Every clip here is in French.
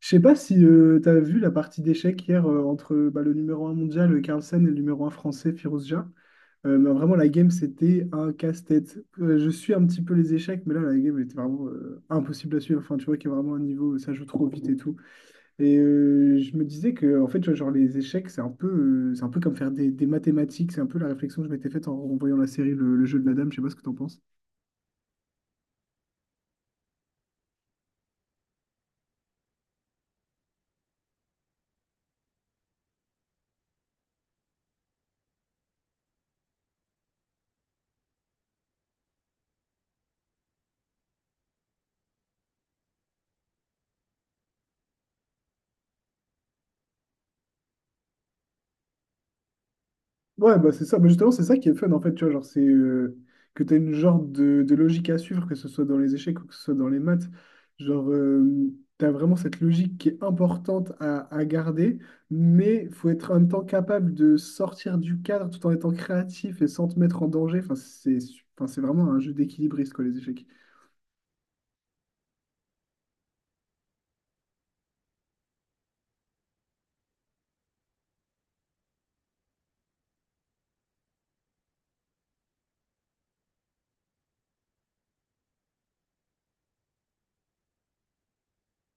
Je sais pas si tu as vu la partie d'échecs hier entre bah, le numéro un mondial Carlsen et le numéro un français Firouz Jah. Mais vraiment, la game, c'était un casse-tête. Je suis un petit peu les échecs, mais là, la game était vraiment impossible à suivre. Enfin, tu vois qu'il y a vraiment un niveau, ça joue trop vite et tout. Et je me disais que, en fait, tu vois, genre, les échecs, c'est un peu comme faire des mathématiques. C'est un peu la réflexion que je m'étais faite en voyant la série le jeu de la dame. Je sais pas ce que t'en penses. Ouais, bah c'est ça. Bah justement, c'est ça qui est fun, en fait, tu vois, genre, c'est que tu as une genre de logique à suivre, que ce soit dans les échecs ou que ce soit dans les maths. Genre, tu as vraiment cette logique qui est importante à garder, mais faut être en même temps capable de sortir du cadre tout en étant créatif et sans te mettre en danger. Enfin, c'est vraiment un jeu d'équilibriste, quoi, les échecs.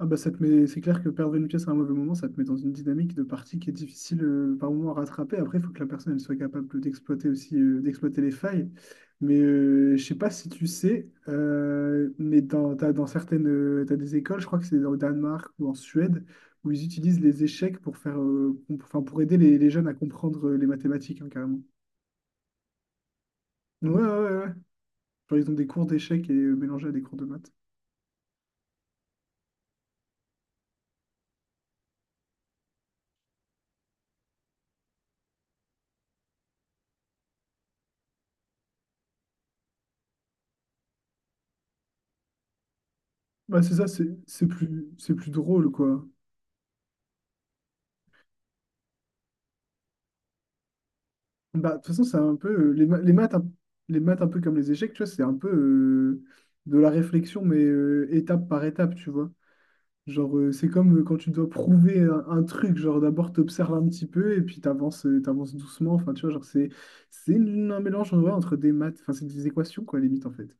Ah bah c'est clair que perdre une pièce à un mauvais moment, ça te met dans une dynamique de partie qui est difficile par moment à rattraper. Après, il faut que la personne elle soit capable d'exploiter aussi, d'exploiter les failles. Mais je sais pas si tu sais, mais dans, t'as, dans certaines, t'as des écoles, je crois que c'est au Danemark ou en Suède, où ils utilisent les échecs pour faire, com- enfin, pour aider les jeunes à comprendre les mathématiques, hein, carrément. Ouais, ouais, ouais, ouais. Genre, ils ont des cours d'échecs et mélangés à des cours de maths. Bah c'est ça, c'est plus drôle, quoi. Bah, de toute façon, c'est un peu les, ma- les maths un peu comme les échecs, tu vois, c'est un peu de la réflexion, mais étape par étape, tu vois. Genre, c'est comme quand tu dois prouver un truc, genre d'abord t'observes un petit peu et puis t'avances doucement. Enfin, tu vois, genre c'est un mélange en vrai entre des maths, enfin c'est des équations quoi, limite en fait.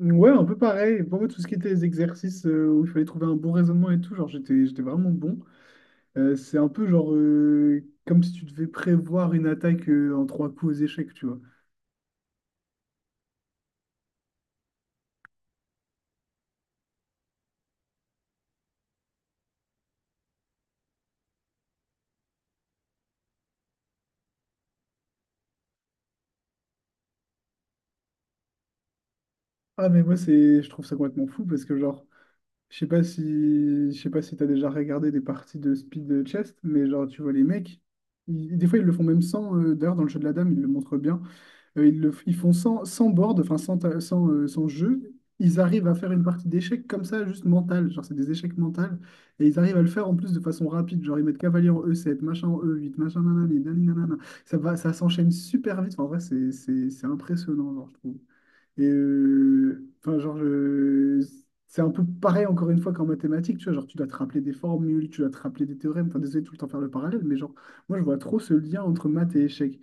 Ouais, un peu pareil. Pour moi, tout ce qui était les exercices où il fallait trouver un bon raisonnement et tout, genre j'étais vraiment bon. C'est un peu genre comme si tu devais prévoir une attaque en trois coups aux échecs, tu vois. Ah mais moi c'est je trouve ça complètement fou parce que genre je sais pas si t'as déjà regardé des parties de speed chess mais genre tu vois les mecs des fois ils le font même sans d'ailleurs dans le jeu de la dame ils le montrent bien. Ils font sans board, enfin sans, ta- sans, sans jeu. Ils arrivent à faire une partie d'échecs comme ça, juste mentale. Genre, c'est des échecs mentales. Et ils arrivent à le faire en plus de façon rapide. Genre, ils mettent cavalier en E7, machin en E8, machin nanani, nanani, nanana. Ça va, ça s'enchaîne super vite. Enfin, en vrai, c'est impressionnant, genre, je trouve. Et enfin, genre, c'est un peu pareil encore une fois qu'en mathématiques, tu vois, genre, tu dois te rappeler des formules, tu dois te rappeler des théorèmes, enfin, désolé de tout le temps faire le parallèle, mais genre, moi, je vois trop ce lien entre maths et échec.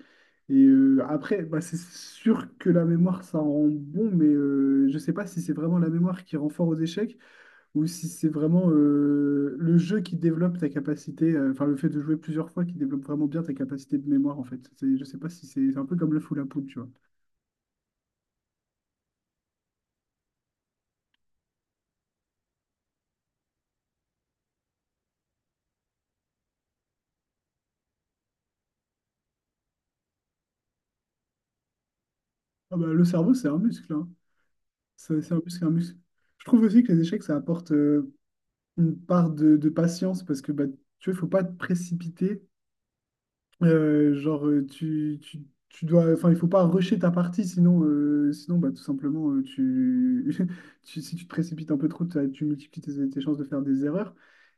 Et après, bah, c'est sûr que la mémoire, ça rend bon, mais je sais pas si c'est vraiment la mémoire qui rend fort aux échecs ou si c'est vraiment le jeu qui développe ta capacité, enfin, le fait de jouer plusieurs fois qui développe vraiment bien ta capacité de mémoire, en fait. Je sais pas si c'est un peu comme le fou la poule, tu vois. Ah bah, le cerveau, c'est un muscle, hein. C'est un muscle, un muscle. Je trouve aussi que les échecs, ça apporte une part de patience parce que bah, tu vois, il faut pas te précipiter. Genre, enfin, il faut pas rusher ta partie, sinon bah, tout simplement. Si tu te précipites un peu trop, tu multiplies tes chances de faire des erreurs.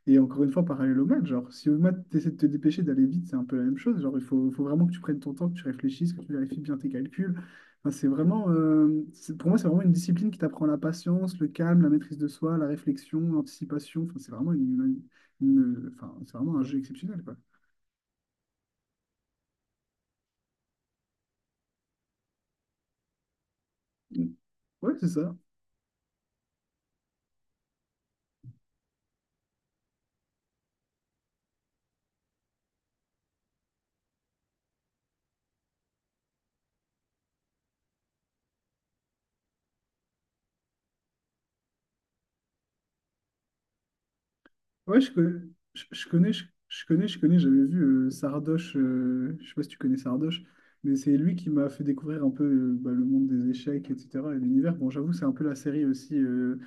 Et encore une fois, parallèle au maths, genre, si au maths, tu essaies de te dépêcher d'aller vite, c'est un peu la même chose. Genre, il faut vraiment que tu prennes ton temps, que tu réfléchisses, que tu vérifies bien tes calculs. Enfin, pour moi, c'est vraiment une discipline qui t'apprend la patience, le calme, la maîtrise de soi, la réflexion, l'anticipation. Enfin, c'est vraiment une- enfin, c'est vraiment un jeu exceptionnel, quoi. Ouais, c'est ça. Ouais, je connais, je connais, je connais, j'avais vu Sardoche, je sais pas si tu connais Sardoche, mais c'est lui qui m'a fait découvrir un peu bah, le monde des échecs, etc. et l'univers. Bon, j'avoue, c'est un peu la série aussi,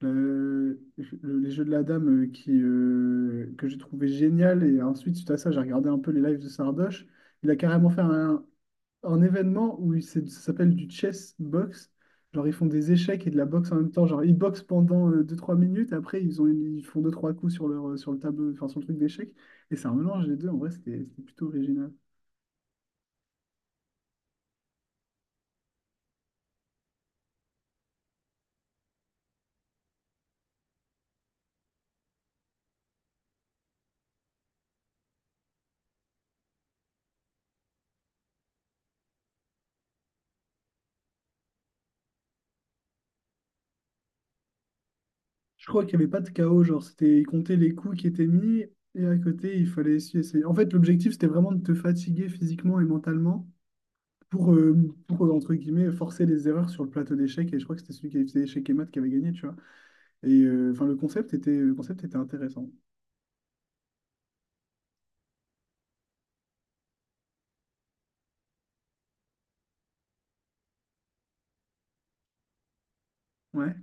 le- les jeux de la dame que j'ai trouvé génial. Et ensuite, suite à ça, j'ai regardé un peu les lives de Sardoche. Il a carrément fait un événement où ça s'appelle du chess box. Genre, ils font des échecs et de la boxe en même temps. Genre, ils boxent pendant deux trois minutes. Après, ils font deux trois coups sur le tableau, enfin, sur le truc d'échecs. Et c'est un mélange des deux. En vrai, c'était plutôt original. Je crois qu'il n'y avait pas de chaos. Genre, ils comptaient les coups qui étaient mis. Et à côté, il fallait essayer. En fait, l'objectif, c'était vraiment de te fatiguer physiquement et mentalement pour, euh, pour, entre guillemets, forcer les erreurs sur le plateau d'échecs. Et je crois que c'était celui qui avait fait échec et maths qui avait gagné, tu vois. Et enfin, le concept était intéressant. Ouais.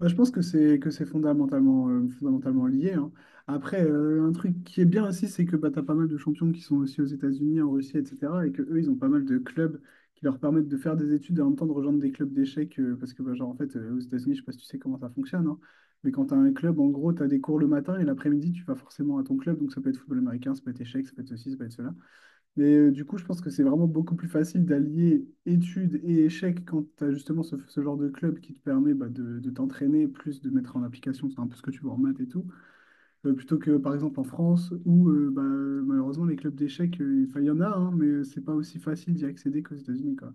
Bah, je pense que c'est fondamentalement lié, hein. Après, un truc qui est bien aussi, c'est que bah, tu as pas mal de champions qui sont aussi aux États-Unis, en Russie, etc. Et que eux, ils ont pas mal de clubs qui leur permettent de faire des études et en même temps de rejoindre des clubs d'échecs. Parce que, bah, genre, en fait, aux États-Unis, je sais pas si tu sais comment ça fonctionne, hein, mais quand tu as un club, en gros, tu as des cours le matin et l'après-midi, tu vas forcément à ton club. Donc, ça peut être football américain, ça peut être échecs, ça peut être ceci, ça peut être cela. Mais du coup, je pense que c'est vraiment beaucoup plus facile d'allier études et échecs quand tu as justement ce genre de club qui te permet bah, de t'entraîner, plus de mettre en application, c'est un peu ce que tu vois en maths et tout. Plutôt que par exemple en France où bah, malheureusement les clubs d'échecs, enfin, il y en a, hein, mais c'est pas aussi facile d'y accéder qu'aux États-Unis, quoi.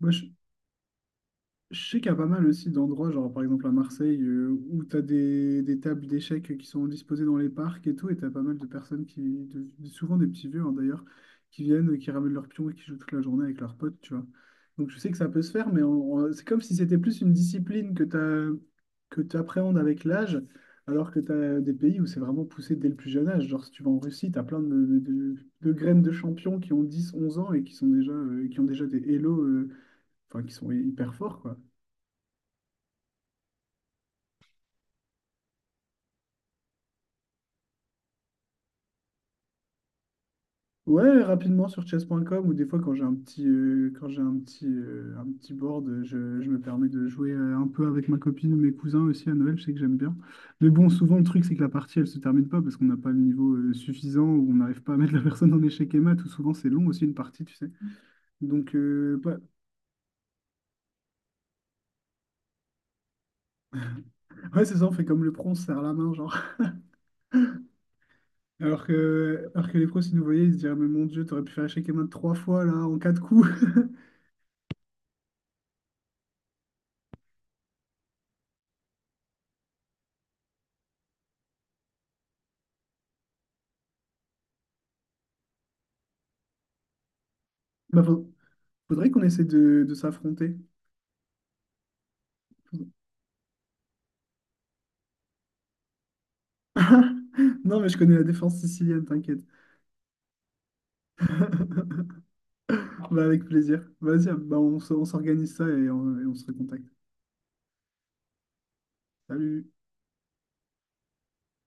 Moi, je, Je sais qu'il y a pas mal aussi d'endroits, genre par exemple à Marseille, où tu as des tables d'échecs qui sont disposées dans les parcs et tout, et tu as pas mal de personnes souvent des petits vieux hein, d'ailleurs, qui viennent, qui ramènent leurs pions et qui jouent toute la journée avec leurs potes, tu vois. Donc je sais que ça peut se faire, mais c'est comme si c'était plus une discipline que tu appréhendes avec l'âge, alors que tu as des pays où c'est vraiment poussé dès le plus jeune âge. Genre si tu vas en Russie, tu as plein de graines de champions qui ont 10 11 ans et qui ont déjà des hello, enfin qui sont hyper forts, quoi. Ouais, rapidement sur chess.com ou des fois quand j'ai un petit board, je me permets de jouer un peu avec ma copine ou mes cousins aussi à Noël, je sais que j'aime bien. Mais bon, souvent le truc c'est que la partie elle se termine pas parce qu'on n'a pas le niveau suffisant ou on n'arrive pas à mettre la personne en échec et mat ou souvent c'est long aussi une partie, tu sais. Donc bah, ouais, c'est ça, on fait comme le pro, on se serre la main genre. Alors que les pros s'ils nous voyaient, ils se diraient mais mon Dieu, t'aurais pu faire échec et mat trois fois là en quatre coups. Bah, faudrait qu'on essaie de s'affronter. Non, mais je connais la défense sicilienne, t'inquiète. Bah, avec plaisir. Vas-y, bah, on s'organise ça et on se recontacte. Salut!